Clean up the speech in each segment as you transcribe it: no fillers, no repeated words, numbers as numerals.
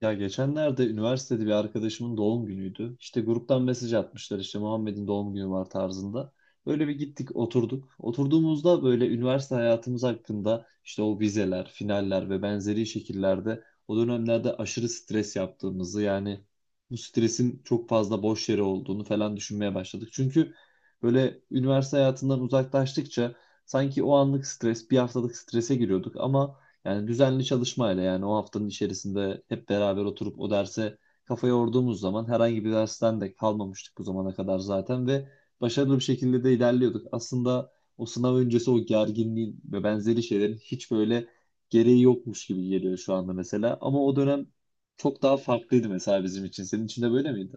Ya, geçenlerde üniversitede bir arkadaşımın doğum günüydü. İşte gruptan mesaj atmışlar, işte Muhammed'in doğum günü var tarzında. Böyle bir gittik, oturduk. Oturduğumuzda böyle üniversite hayatımız hakkında, işte o vizeler, finaller ve benzeri şekillerde o dönemlerde aşırı stres yaptığımızı, yani bu stresin çok fazla boş yere olduğunu falan düşünmeye başladık. Çünkü böyle üniversite hayatından uzaklaştıkça sanki o anlık stres, bir haftalık strese giriyorduk ama yani düzenli çalışmayla, yani o haftanın içerisinde hep beraber oturup o derse kafa yorduğumuz zaman herhangi bir dersten de kalmamıştık bu zamana kadar zaten ve başarılı bir şekilde de ilerliyorduk. Aslında o sınav öncesi o gerginliğin ve benzeri şeylerin hiç böyle gereği yokmuş gibi geliyor şu anda mesela. Ama o dönem çok daha farklıydı mesela bizim için. Senin için de böyle miydi?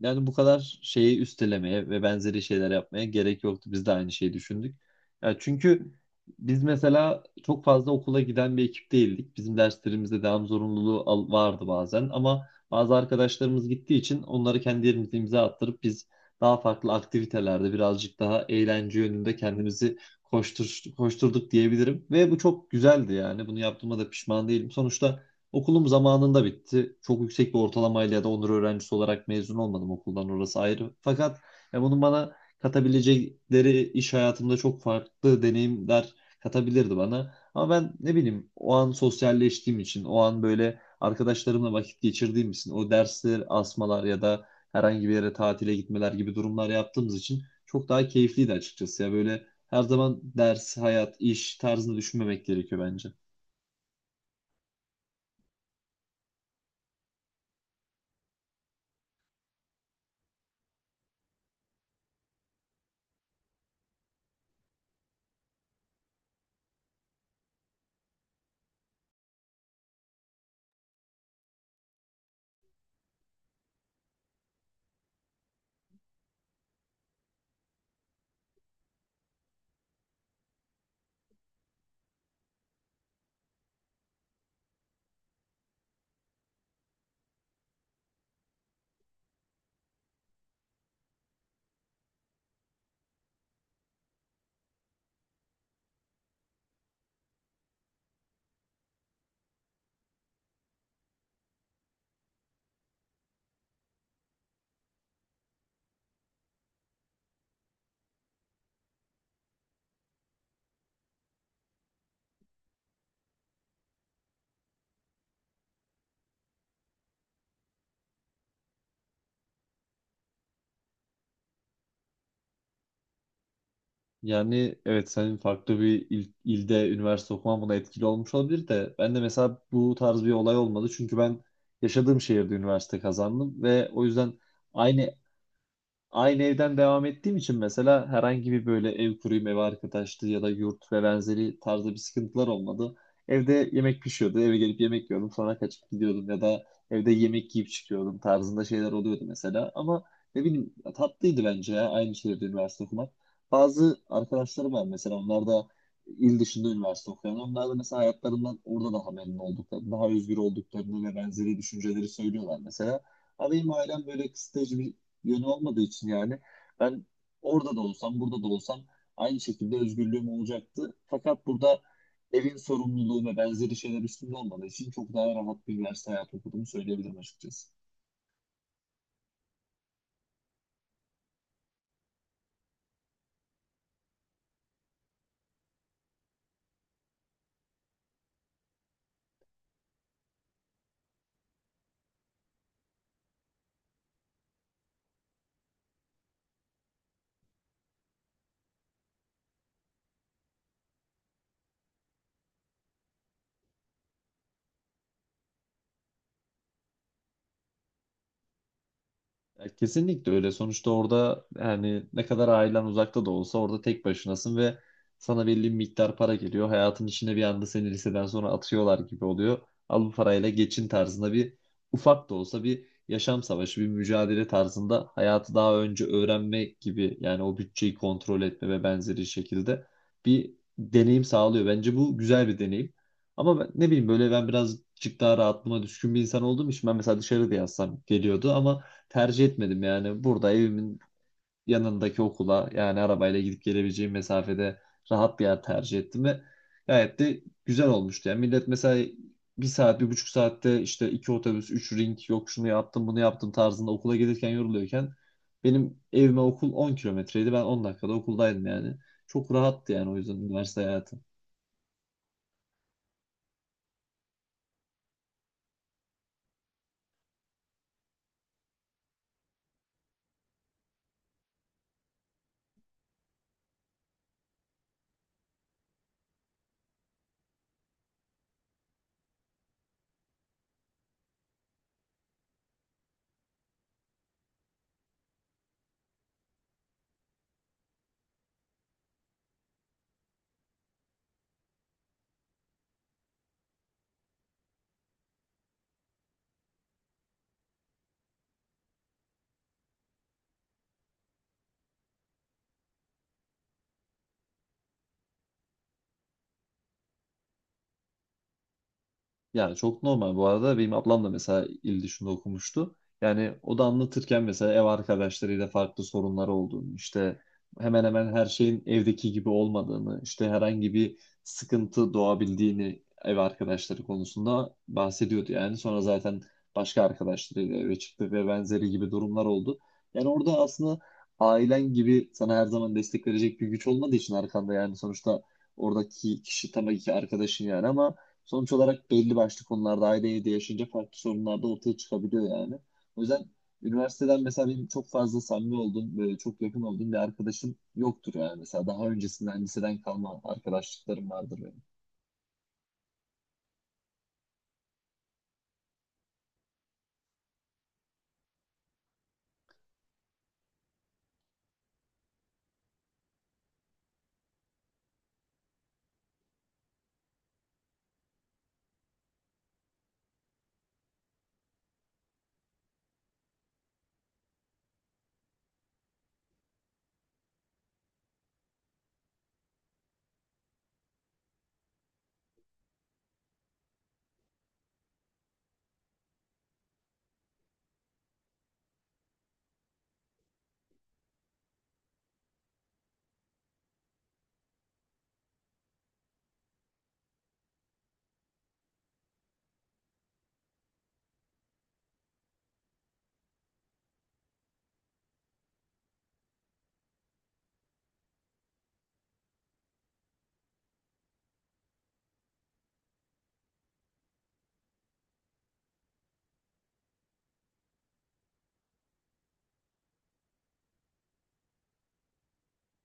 Yani bu kadar şeyi üstelemeye ve benzeri şeyler yapmaya gerek yoktu. Biz de aynı şeyi düşündük. Ya çünkü biz mesela çok fazla okula giden bir ekip değildik. Bizim derslerimizde devam zorunluluğu vardı bazen, ama bazı arkadaşlarımız gittiği için onları kendi yerimize imza attırıp biz daha farklı aktivitelerde birazcık daha eğlence yönünde kendimizi koşturduk diyebilirim. Ve bu çok güzeldi yani. Bunu yaptığıma da pişman değilim. Sonuçta okulum zamanında bitti. Çok yüksek bir ortalamayla ya da onur öğrencisi olarak mezun olmadım okuldan, orası ayrı. Fakat ya bunun bana katabilecekleri iş hayatımda çok farklı deneyimler katabilirdi bana. Ama ben, ne bileyim, o an sosyalleştiğim için, o an böyle arkadaşlarımla vakit geçirdiğim için, o dersler, asmalar ya da herhangi bir yere tatile gitmeler gibi durumlar yaptığımız için çok daha keyifliydi açıkçası. Ya böyle her zaman ders, hayat, iş tarzını düşünmemek gerekiyor bence. Yani evet, senin farklı bir ilde üniversite okuman buna etkili olmuş olabilir de ben de mesela bu tarz bir olay olmadı, çünkü ben yaşadığım şehirde üniversite kazandım ve o yüzden aynı aynı evden devam ettiğim için mesela herhangi bir böyle ev kuruyum, ev arkadaşlığı ya da yurt ve benzeri tarzda bir sıkıntılar olmadı. Evde yemek pişiyordu, eve gelip yemek yiyordum, sonra kaçıp gidiyordum ya da evde yemek yiyip çıkıyordum tarzında şeyler oluyordu mesela. Ama ne bileyim, tatlıydı bence ya aynı şehirde üniversite okumak. Bazı arkadaşlarım var mesela, onlar da il dışında üniversite okuyan. Onlar da mesela hayatlarından orada daha memnun olduklarını, daha özgür olduklarını ve benzeri düşünceleri söylüyorlar mesela. Ama benim ailem böyle kısıtlayıcı bir yönü olmadığı için yani ben orada da olsam, burada da olsam aynı şekilde özgürlüğüm olacaktı. Fakat burada evin sorumluluğu ve benzeri şeyler üstünde olmadığı için çok daha rahat bir üniversite hayatı okuduğumu söyleyebilirim açıkçası. Ya kesinlikle öyle. Sonuçta orada, yani ne kadar ailen uzakta da olsa, orada tek başınasın ve sana belli bir miktar para geliyor. Hayatın içine bir anda seni liseden sonra atıyorlar gibi oluyor. Al bu parayla geçin tarzında bir ufak da olsa bir yaşam savaşı, bir mücadele tarzında hayatı daha önce öğrenmek gibi, yani o bütçeyi kontrol etme ve benzeri şekilde bir deneyim sağlıyor. Bence bu güzel bir deneyim. Ama ben, ne bileyim, böyle ben birazcık daha rahatlığıma düşkün bir insan olduğum için ben mesela dışarıda yazsam geliyordu ama tercih etmedim yani. Burada evimin yanındaki okula, yani arabayla gidip gelebileceğim mesafede rahat bir yer tercih ettim ve gayet de güzel olmuştu. Yani millet mesela 1 saat, 1,5 saatte işte iki otobüs, üç ring, yok şunu yaptım bunu yaptım tarzında okula gelirken yoruluyorken benim evime okul 10 kilometreydi. Ben 10 dakikada okuldaydım yani. Çok rahattı yani o yüzden üniversite hayatı. Yani çok normal bu arada. Benim ablam da mesela il dışında okumuştu. Yani o da anlatırken mesela ev arkadaşlarıyla farklı sorunları olduğunu, işte hemen hemen her şeyin evdeki gibi olmadığını, işte herhangi bir sıkıntı doğabildiğini ev arkadaşları konusunda bahsediyordu. Yani sonra zaten başka arkadaşlarıyla eve çıktı ve benzeri gibi durumlar oldu. Yani orada aslında ailen gibi sana her zaman destek verecek bir güç olmadığı için arkanda, yani sonuçta oradaki kişi tabii ki arkadaşın yani, ama sonuç olarak belli başlı konularda aile evde yaşayınca farklı sorunlar da ortaya çıkabiliyor yani. O yüzden üniversiteden mesela benim çok fazla samimi olduğum, böyle çok yakın olduğum bir arkadaşım yoktur yani. Mesela daha öncesinden liseden kalma arkadaşlıklarım vardır benim.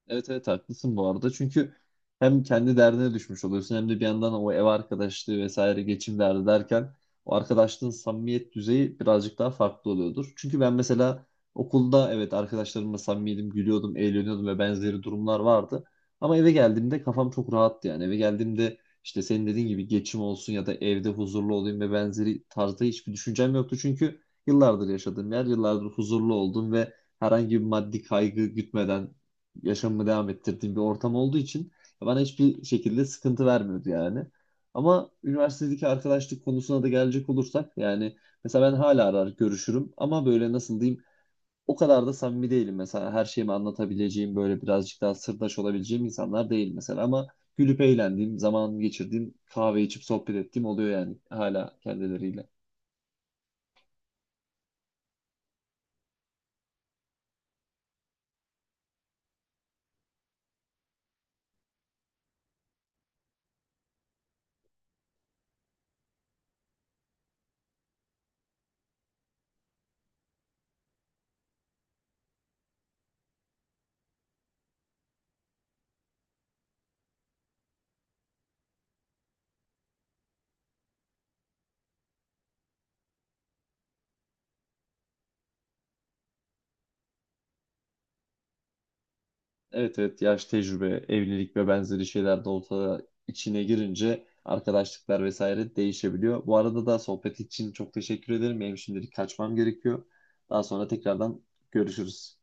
Evet, evet, haklısın bu arada. Çünkü hem kendi derdine düşmüş oluyorsun hem de bir yandan o ev arkadaşlığı vesaire geçim derdi derken o arkadaşlığın samimiyet düzeyi birazcık daha farklı oluyordur. Çünkü ben mesela okulda evet arkadaşlarımla samimiydim, gülüyordum, eğleniyordum ve benzeri durumlar vardı. Ama eve geldiğimde kafam çok rahattı yani. Eve geldiğimde işte senin dediğin gibi geçim olsun ya da evde huzurlu olayım ve benzeri tarzda hiçbir düşüncem yoktu. Çünkü yıllardır yaşadığım yer, yıllardır huzurlu oldum ve herhangi bir maddi kaygı gütmeden yaşamımı devam ettirdiğim bir ortam olduğu için bana hiçbir şekilde sıkıntı vermiyordu yani. Ama üniversitedeki arkadaşlık konusuna da gelecek olursak yani mesela ben hala arar görüşürüm ama böyle nasıl diyeyim, o kadar da samimi değilim mesela, her şeyimi anlatabileceğim böyle birazcık daha sırdaş olabileceğim insanlar değil mesela, ama gülüp eğlendiğim, zaman geçirdiğim, kahve içip sohbet ettiğim oluyor yani hala kendileriyle. Evet, evet, yaş, tecrübe, evlilik ve benzeri şeyler de olsa içine girince arkadaşlıklar vesaire değişebiliyor. Bu arada da sohbet için çok teşekkür ederim. Benim şimdilik kaçmam gerekiyor. Daha sonra tekrardan görüşürüz.